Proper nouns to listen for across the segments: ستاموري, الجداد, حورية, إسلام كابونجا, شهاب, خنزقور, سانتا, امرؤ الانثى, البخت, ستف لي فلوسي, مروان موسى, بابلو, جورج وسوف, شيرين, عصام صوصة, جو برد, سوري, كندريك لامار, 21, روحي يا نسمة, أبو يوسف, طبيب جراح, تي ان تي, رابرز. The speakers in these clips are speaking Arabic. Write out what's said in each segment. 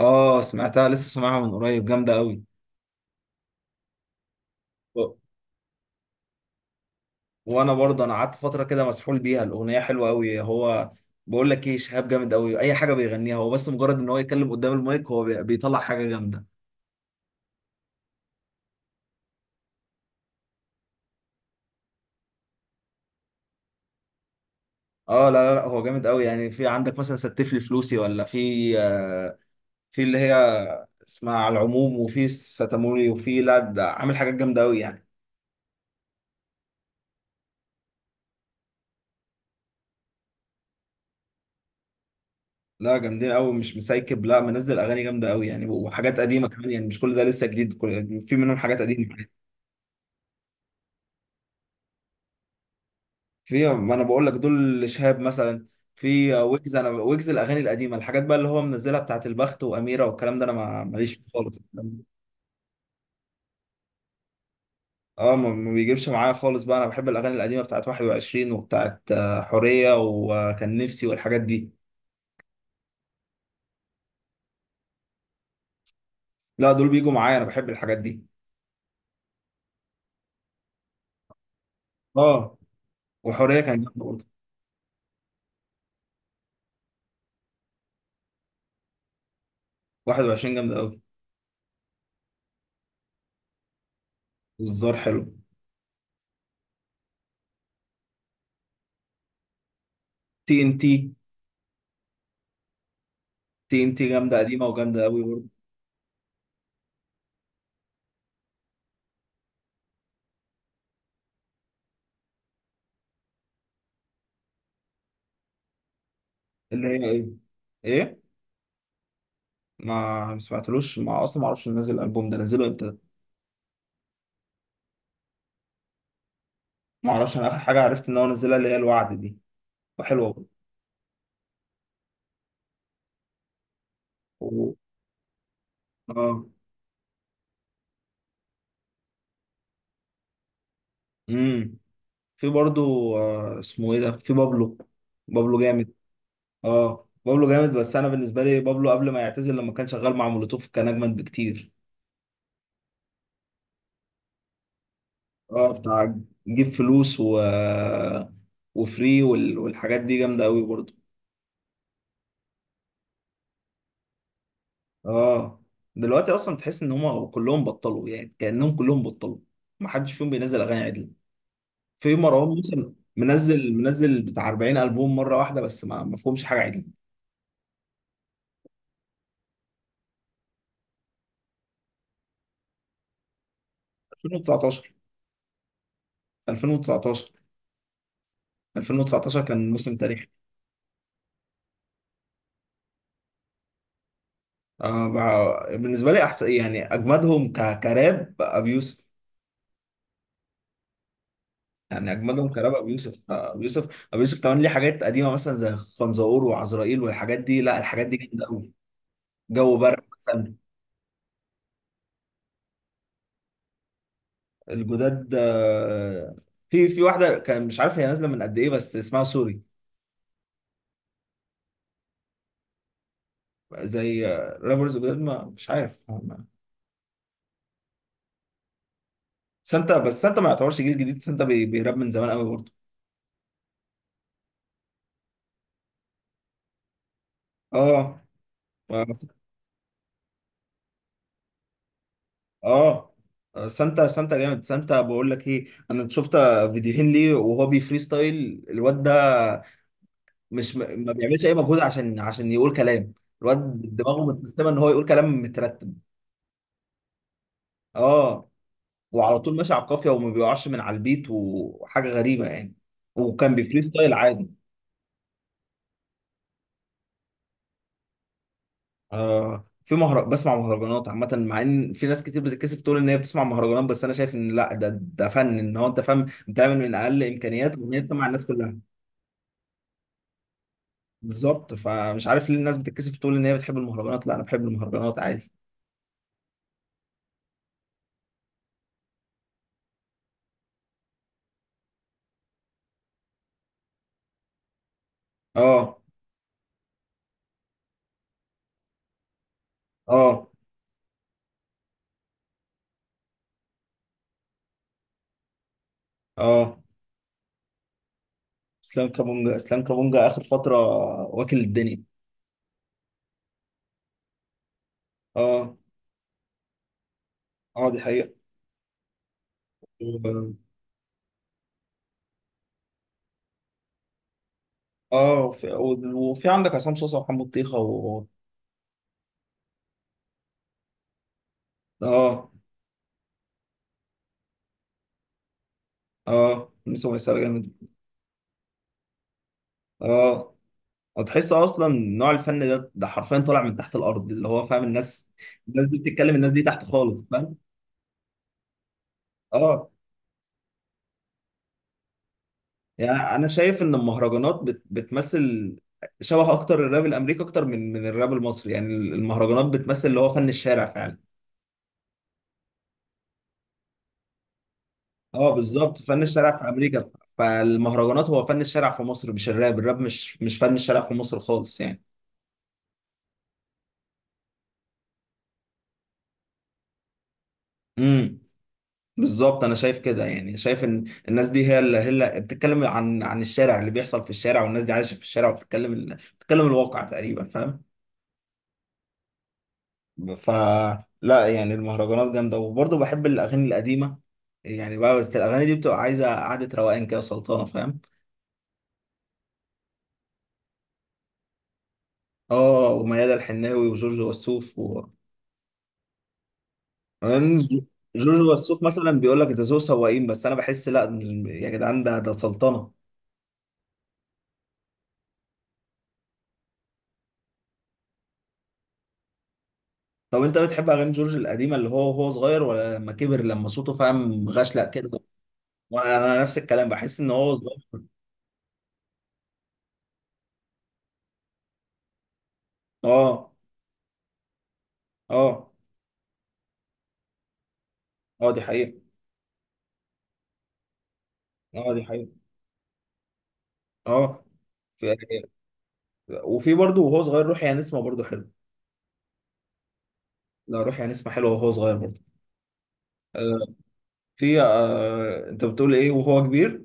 اه سمعتها، لسه سامعها من قريب. جامده قوي. و- وانا برضه انا قعدت فتره كده مسحول بيها. الاغنيه حلوه قوي. هو بقول لك ايه، شهاب جامد قوي. اي حاجه بيغنيها هو، بس مجرد ان هو يتكلم قدام المايك هو بيطلع حاجه جامده. اه، لا لا لا، هو جامد قوي. يعني في عندك مثلا ستف لي فلوسي، ولا في في اللي هي اسمها، على العموم. وفي ستاموري، وفي، لا ده عامل حاجات جامده قوي يعني. لا جامدين قوي، مش مسايكب، لا منزل اغاني جامده قوي يعني. وحاجات قديمه كمان، يعني مش كل ده لسه جديد، كل في منهم حاجات قديمه. في، ما انا بقول لك، دول شهاب مثلا. في ويجز. انا ويجز الاغاني القديمه، الحاجات بقى اللي هو منزلها بتاعت البخت واميره والكلام ده، انا ماليش فيه خالص. اه، ما بيجيبش معايا خالص بقى. انا بحب الاغاني القديمه بتاعت 21 وبتاعت حوريه وكان نفسي والحاجات دي. لا دول بيجوا معايا، انا بحب الحاجات دي. اه، وحوريه كان جامده برضه. 21 جامده قوي. والزار حلو. تي ان تي. تي ان تي جامده قديمه وجامده قوي برضه. اللي هي ايه؟ ايه؟ ما سمعتلوش، ما اصلا ما اعرفش نزل الالبوم ده. نزله امتى ده؟ ما اعرفش، انا اخر حاجه عرفت ان هو نزلها اللي هي الوعد دي، وحلوه برضه. و- اه. امم. في برضو، آه اسمه ايه ده، في بابلو. بابلو جامد. اه بابلو جامد، بس انا بالنسبه لي بابلو قبل ما يعتزل، لما كان شغال مع مولوتوف كان اجمد بكتير. اه بتاع جيب فلوس، و وفري والحاجات دي جامده قوي برضو. اه. دلوقتي اصلا تحس ان هم كلهم بطلوا، يعني كانهم كلهم بطلوا، ما حدش فيهم بينزل اغاني عدل. في مروان موسى، منزل بتاع 40 ألبوم مرة واحدة، بس ما فيهمش حاجة عدل. 2019، 2019، 2019 كان موسم تاريخي. آه، بالنسبة لي أحسن يعني أجمدهم كراب أبو يوسف. يعني أجمدهم كراب أبو يوسف. أبو يوسف، أبو يوسف كمان ليه حاجات قديمة مثلا زي خنزقور وعزرائيل والحاجات دي، لا الحاجات دي جامدة أوي. جو برد مثلا. الجداد، في واحدة كان مش عارف هي نازلة من قد إيه بس اسمها سوري. زي رابرز جداد ما مش عارف. سانتا، بس سانتا ما يعتبرش جيل جديد، سانتا بيراب من زمان قوي برضه. اه. بس- اه. آه، سانتا، سانتا جامد. سانتا بقول لك ايه، انا شفت فيديوهين ليه وهو بيفري ستايل الواد ده. مش ما بيعملش اي مجهود عشان عشان يقول كلام. الواد دماغه متسيستمه ان هو يقول كلام مترتب. اه. وعلى طول ماشي على القافيه وما بيقعش من على البيت، وحاجه غريبه يعني. وكان بيفري ستايل عادي. آه، في بسمع مهرجانات عامة، مع ان في ناس كتير بتتكسف تقول ان هي بتسمع مهرجانات، بس انا شايف ان لا، ده ده فن، ان هو انت فاهم بتعمل من اقل امكانيات وان انت مع الناس كلها. بالظبط، فمش عارف ليه الناس بتتكسف تقول ان هي بتحب المهرجانات. لا، انا بحب المهرجانات عادي. اه. اه. اه. اسلام كابونجا، اسلام كابونجا اخر فترة واكل الدنيا. اه. اه دي حقيقة. و- اه. وفي، وفي عندك عصام صوصة وحمو الطيخة اه. اه، ميسو ميساء جامد. اه. هتحس اصلا نوع الفن ده، ده حرفيا طالع من تحت الارض، اللي هو فاهم. الناس، الناس دي بتتكلم، الناس دي تحت خالص فاهم. اه. يعني انا شايف ان المهرجانات بتمثل شبه اكتر الراب الامريكي، اكتر من الراب المصري. يعني المهرجانات بتمثل اللي هو فن الشارع فعلا. اه بالظبط فن الشارع في امريكا، فالمهرجانات هو فن الشارع في مصر، مش الراب. الراب مش مش فن الشارع في مصر خالص يعني. امم. بالظبط، انا شايف كده يعني. شايف ان الناس دي هي اللي بتتكلم عن الشارع، اللي بيحصل في الشارع، والناس دي عايشه في الشارع، وبتتكلم بتتكلم الواقع تقريبا، فاهم. ف لا يعني المهرجانات جامده. وبرضه بحب الاغاني القديمه يعني بقى، بس الاغاني دي بتبقى عايزه قعده روقان كده سلطانه فاهم. اه وميادة الحناوي وجورج وسوف جورج وسوف مثلا بيقول لك ده ذو سواقين، بس انا بحس لا، يا جدعان ده ده سلطنه. طب انت بتحب اغاني جورج القديمه اللي هو وهو صغير، ولا لما كبر لما صوته فاهم غشلق كده؟ وانا، انا نفس الكلام، بحس ان هو صغير. اه. اه. اه دي حقيقه. اه دي حقيقه. اه. في، وفي برضه وهو صغير روحي يا نسمه برضه حلو. لا روحي يا نسمه حلوه وهو صغير برضه. آه. في آه، انت بتقول ايه وهو كبير؟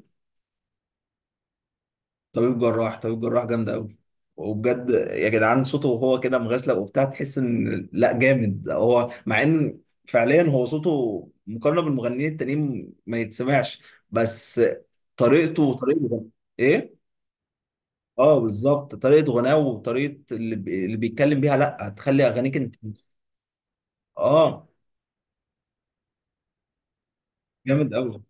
طبيب جراح، طبيب جراح جامد قوي. وبجد يا جدعان، صوته وهو كده مغسله وبتاع، تحس ان لا جامد هو، مع ان فعليا هو صوته مقارنه بالمغنيين التانيين ما يتسمعش. بس طريقته وطريقه ايه. اه بالظبط، طريقه غناه وطريقه اللي بيتكلم بيها، لا هتخلي اغانيك انت. اه. جامد قوي.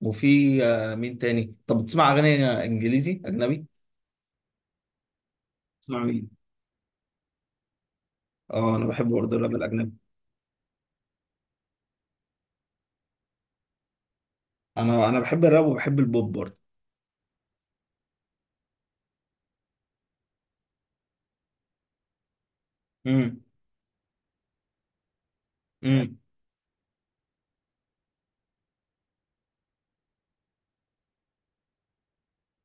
وفي آه، مين تاني؟ طب بتسمع اغاني انجليزي اجنبي؟ بتسمع مين؟ اه انا بحب برضه الراب الاجنبي. انا بحب الراب وبحب البوب برضه. مم. امم.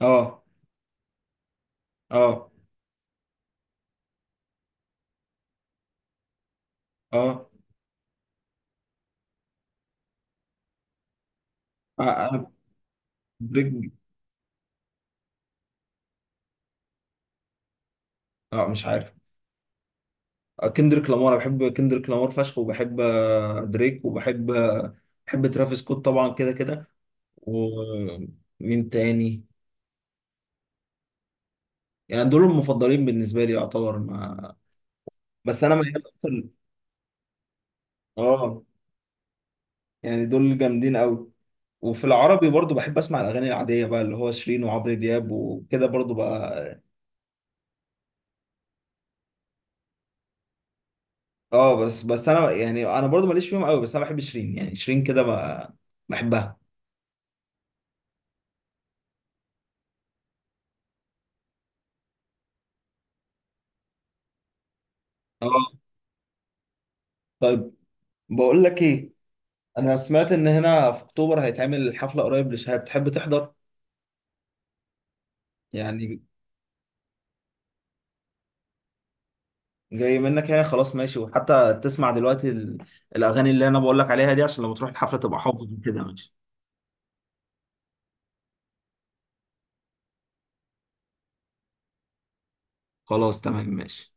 اه. اه. اه. آه، انا. دريك. اه مش عارف. آه، كندريك لامار. أنا بحب كندريك لامار فشخ، وبحب آه، دريك، وبحب بحب ترافيس سكوت طبعا كده كده. ومين تاني؟ يعني دول المفضلين بالنسبه لي يعتبر، ما بس انا ميال اكتر. اه. يعني دول جامدين قوي. وفي العربي برضو بحب اسمع الاغاني العاديه بقى، اللي هو شيرين وعمرو دياب وكده برضو بقى. اه بس، انا برضو ماليش فيهم قوي، بس انا بحب شيرين، يعني شيرين كده بقى، بحبها. اه. طيب. بقول لك ايه، انا سمعت ان هنا في اكتوبر هيتعمل حفله قريب لشهاب، تحب تحضر؟ يعني جاي منك يعني، خلاص ماشي. وحتى تسمع دلوقتي الاغاني اللي انا بقول لك عليها دي، عشان لما تروح الحفله تبقى حافظ كده، ماشي؟ خلاص، تمام، ماشي.